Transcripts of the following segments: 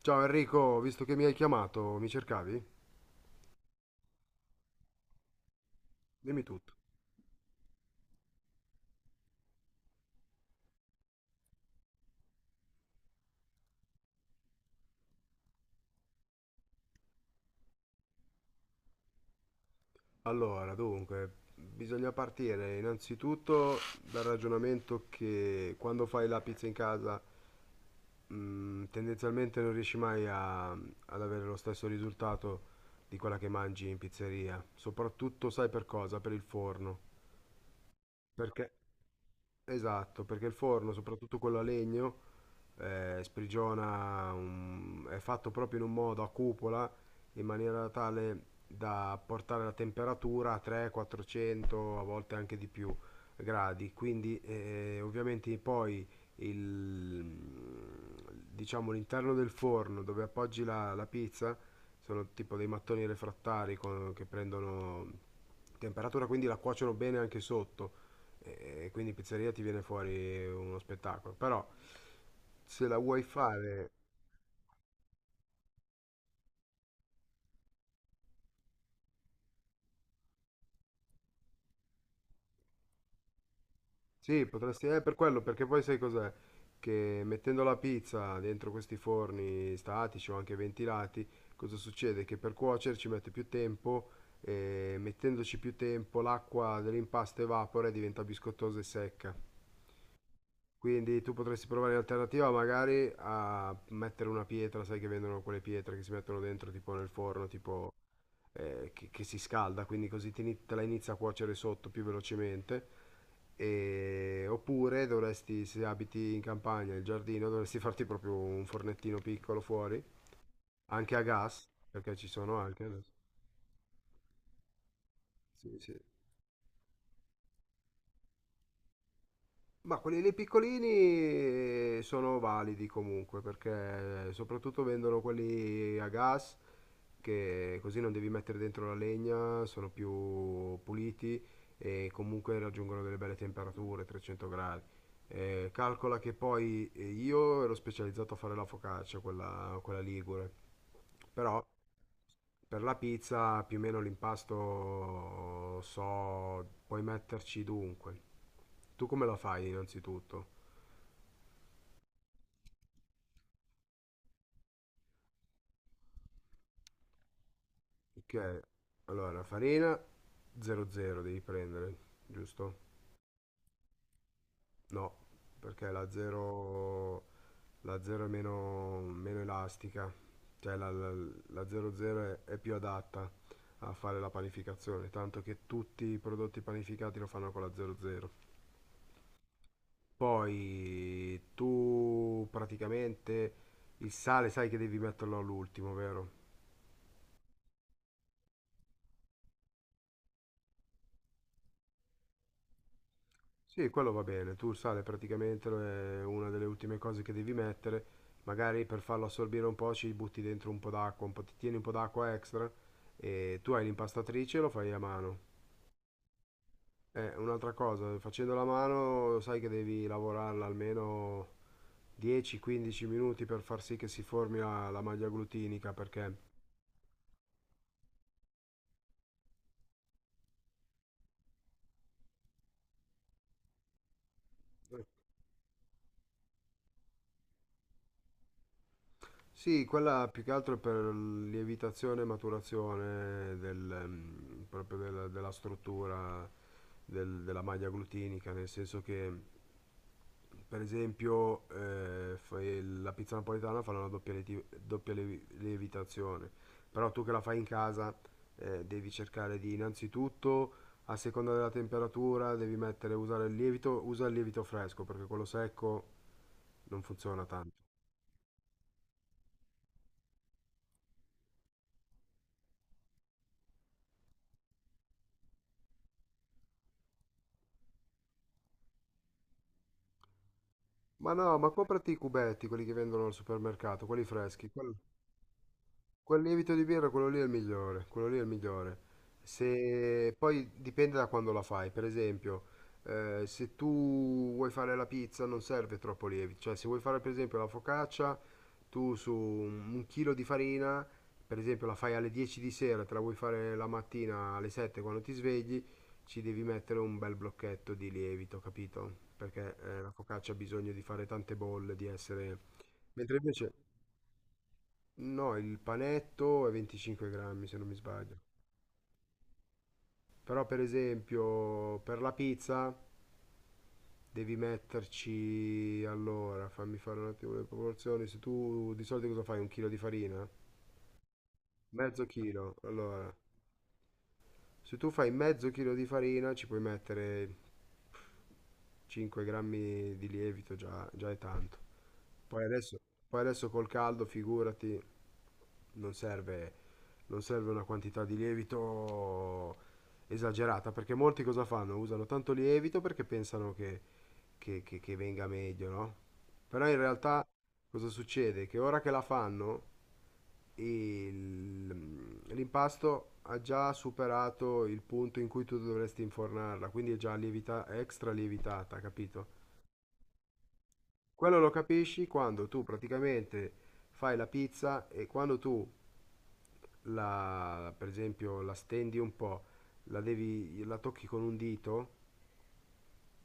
Ciao Enrico, visto che mi hai chiamato, mi cercavi? Dimmi tutto. Allora, dunque, bisogna partire innanzitutto dal ragionamento che quando fai la pizza in casa, tendenzialmente non riesci mai ad avere lo stesso risultato di quella che mangi in pizzeria. Soprattutto, sai per cosa? Per il forno. Perché? Esatto, perché il forno, soprattutto quello a legno, sprigiona, è fatto proprio in un modo a cupola in maniera tale da portare la temperatura a 300-400, a volte anche di più gradi. Quindi ovviamente poi il, diciamo, l'interno del forno dove appoggi la pizza sono tipo dei mattoni refrattari che prendono temperatura, quindi la cuociono bene anche sotto e quindi pizzeria ti viene fuori uno spettacolo. Però se la vuoi fare, sì, potresti, per quello, perché poi sai cos'è? Che mettendo la pizza dentro questi forni statici o anche ventilati, cosa succede? Che per cuocere ci mette più tempo e mettendoci più tempo l'acqua dell'impasto evapora e diventa biscottosa e secca. Quindi tu potresti provare in alternativa magari a mettere una pietra, sai che vendono quelle pietre che si mettono dentro tipo nel forno, tipo che si scalda, quindi così te la inizia a cuocere sotto più velocemente. Oppure dovresti, se abiti in campagna, il giardino, dovresti farti proprio un fornettino piccolo fuori, anche a gas, perché ci sono anche adesso. Sì, sì. Ma quelli lì piccolini sono validi comunque perché soprattutto vendono quelli a gas che così non devi mettere dentro la legna, sono più puliti e comunque raggiungono delle belle temperature, 300 gradi. Calcola che poi io ero specializzato a fare la focaccia, quella ligure, però per la pizza più o meno l'impasto so, puoi metterci dunque. Tu come la fai innanzitutto? Ok, allora farina 00 devi prendere, giusto? No, perché la 0 è meno, meno elastica, cioè la 00 è più adatta a fare la panificazione, tanto che tutti i prodotti panificati lo fanno con la 00. Poi tu praticamente il sale sai che devi metterlo all'ultimo, vero? Sì, quello va bene. Tu il sale praticamente è una delle ultime cose che devi mettere. Magari per farlo assorbire un po' ci butti dentro un po' d'acqua, un po', ti tieni un po' d'acqua extra e tu hai l'impastatrice e lo fai a mano. Un'altra cosa, facendo la mano sai che devi lavorarla almeno 10-15 minuti per far sì che si formi la maglia glutinica perché. Sì, quella più che altro è per lievitazione e maturazione del, proprio della struttura della maglia glutinica, nel senso che, per esempio, la pizza napoletana fa una doppia lievitazione, però tu che la fai in casa, devi cercare di innanzitutto, a seconda della temperatura, devi mettere, usare il lievito, usa il lievito fresco, perché quello secco non funziona tanto. Ma no, ma comprati i cubetti, quelli che vendono al supermercato, quelli freschi. Quel lievito di birra, quello lì è il migliore, quello lì è il migliore. Se poi dipende da quando la fai, per esempio, se tu vuoi fare la pizza non serve troppo lievito, cioè se vuoi fare per esempio la focaccia, tu su un chilo di farina, per esempio la fai alle 10 di sera, te la vuoi fare la mattina alle 7 quando ti svegli, ci devi mettere un bel blocchetto di lievito, capito? Perché la focaccia ha bisogno di fare tante bolle, di essere. Mentre invece. No, il panetto è 25 grammi se non mi sbaglio. Però per esempio per la pizza devi metterci, allora fammi fare un attimo le proporzioni, se tu di solito cosa fai? Un chilo di farina? Mezzo chilo, allora. Se tu fai mezzo chilo di farina ci puoi mettere 5 grammi di lievito, già, già è tanto. Poi adesso, poi adesso col caldo, figurati, non serve non serve una quantità di lievito esagerata, perché molti cosa fanno? Usano tanto lievito perché pensano che, che venga meglio, no? Però in realtà cosa succede? Che ora che la fanno, l'impasto ha già superato il punto in cui tu dovresti infornarla, quindi è già extra lievitata, capito? Quello lo capisci quando tu praticamente fai la pizza e quando tu per esempio, la stendi un po', la tocchi con un dito,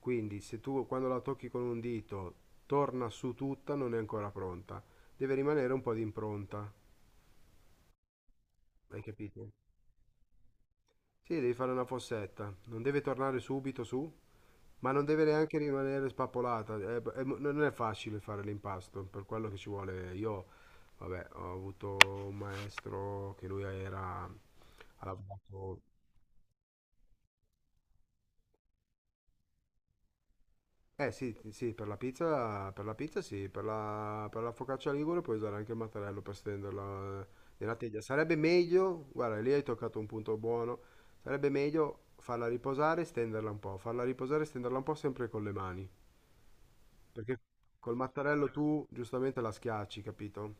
quindi se tu quando la tocchi con un dito torna su tutta, non è ancora pronta. Deve rimanere un po' di impronta, hai capito? Sì, devi fare una fossetta, non deve tornare subito su. Ma non deve neanche rimanere spappolata, non è facile fare l'impasto, per quello che ci vuole. Io, vabbè, ho avuto un maestro che lui era, ha lavorato. Eh sì, sì, per la pizza sì, per la focaccia ligure puoi usare anche il mattarello per stenderla nella teglia. Sarebbe meglio, guarda, lì hai toccato un punto buono, sarebbe meglio farla riposare e stenderla un po', farla riposare e stenderla un po' sempre con le mani, perché col mattarello tu giustamente la schiacci, capito?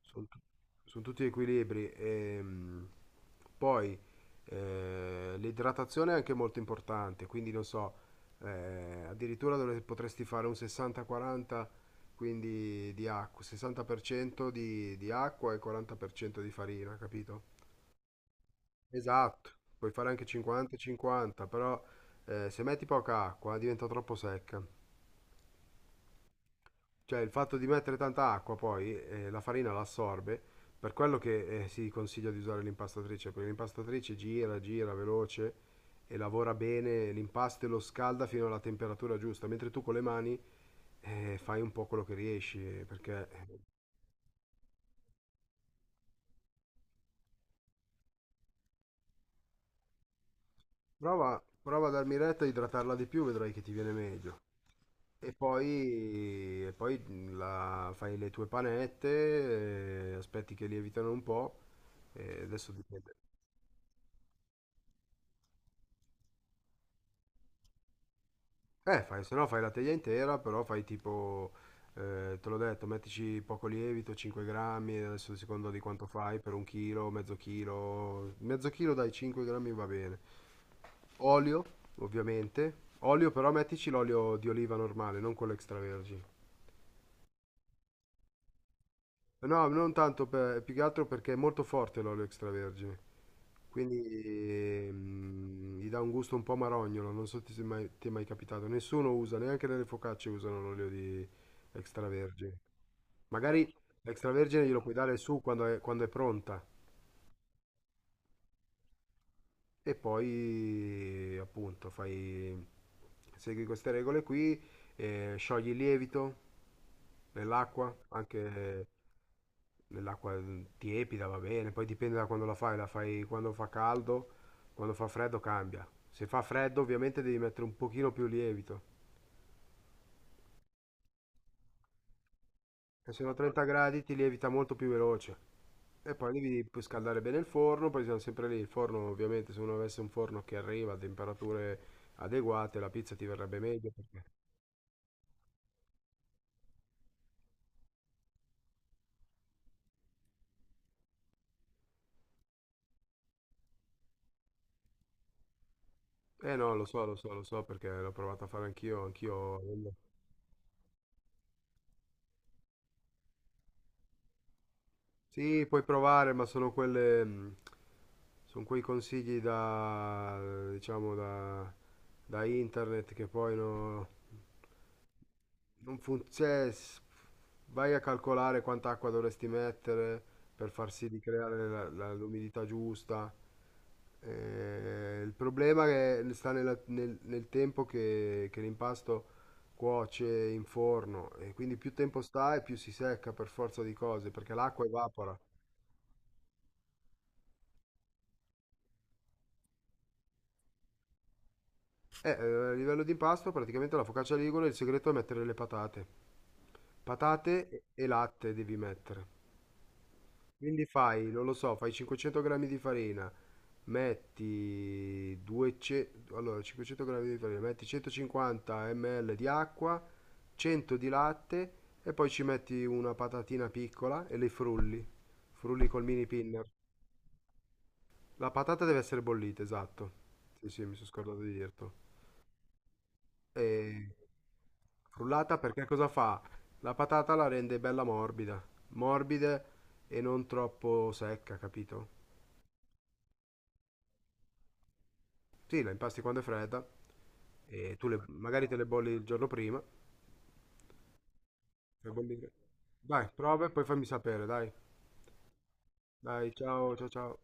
Sono tu- sono tutti equilibri. Poi l'idratazione è anche molto importante, quindi non so, addirittura dove potresti fare un 60-40, quindi di acqua, 60% di acqua e 40% di farina, capito? Esatto, puoi fare anche 50-50, però se metti poca acqua diventa troppo secca. Cioè il fatto di mettere tanta acqua poi la farina la assorbe, per quello che si consiglia di usare l'impastatrice, perché l'impastatrice gira, gira veloce e lavora bene l'impasto e lo scalda fino alla temperatura giusta, mentre tu con le mani fai un po' quello che riesci, perché prova, prova a darmi retta a idratarla di più, vedrai che ti viene meglio. E poi fai le tue panette, aspetti che lievitano un po', e adesso dipende. Fai, se no fai la teglia intera, però fai tipo, te l'ho detto, mettici poco lievito, 5 grammi, adesso secondo di quanto fai, per un chilo, mezzo chilo dai 5 grammi va bene. Olio, ovviamente. Olio però mettici l'olio di oliva normale, non quello extravergine. No, non tanto per, più che altro perché è molto forte l'olio extravergine, quindi gli dà un gusto un po' marognolo, non so se ti è mai capitato, nessuno usa, neanche nelle focacce usano l'olio di extravergine. Magari l'extravergine glielo puoi dare su quando è pronta e poi appunto fai, segui queste regole qui, sciogli il lievito nell'acqua, anche nell'acqua tiepida va bene, poi dipende da quando la fai quando fa caldo, quando fa freddo cambia. Se fa freddo ovviamente devi mettere un pochino più lievito, e se no 30 gradi ti lievita molto più veloce. E poi devi poi scaldare bene il forno, poi siamo sempre lì, il forno ovviamente se uno avesse un forno che arriva a temperature adeguate la pizza ti verrebbe meglio perché. Eh no, lo so, lo so, lo so perché l'ho provato a fare anch'io, anch'io. Sì, puoi provare, ma sono quelle, sono quei consigli diciamo, da internet che poi non funziona. Vai a calcolare quanta acqua dovresti mettere per far sì di creare l'umidità giusta. Il problema che sta nel tempo che, l'impasto cuoce in forno e quindi più tempo sta e più si secca per forza di cose, perché l'acqua evapora. Eh, eh, a livello di impasto, praticamente la focaccia ligure, il segreto è mettere le patate. Patate e latte devi mettere. Quindi fai, non lo so, fai 500 grammi di farina, metti 200, allora, 500 grammi di farina, metti 150 ml di acqua, 100 di latte e poi ci metti una patatina piccola e le frulli. Frulli col mini pinner. La patata deve essere bollita, esatto. Sì, sì, mi sono scordato di dirtelo. E frullata perché cosa fa? La patata la rende bella morbida, morbida e non troppo secca, capito? Sì, la impasti quando è fredda e tu magari te le bolli il giorno prima. le bolli- Dai, prova e poi fammi sapere, dai. Dai, ciao, ciao, ciao.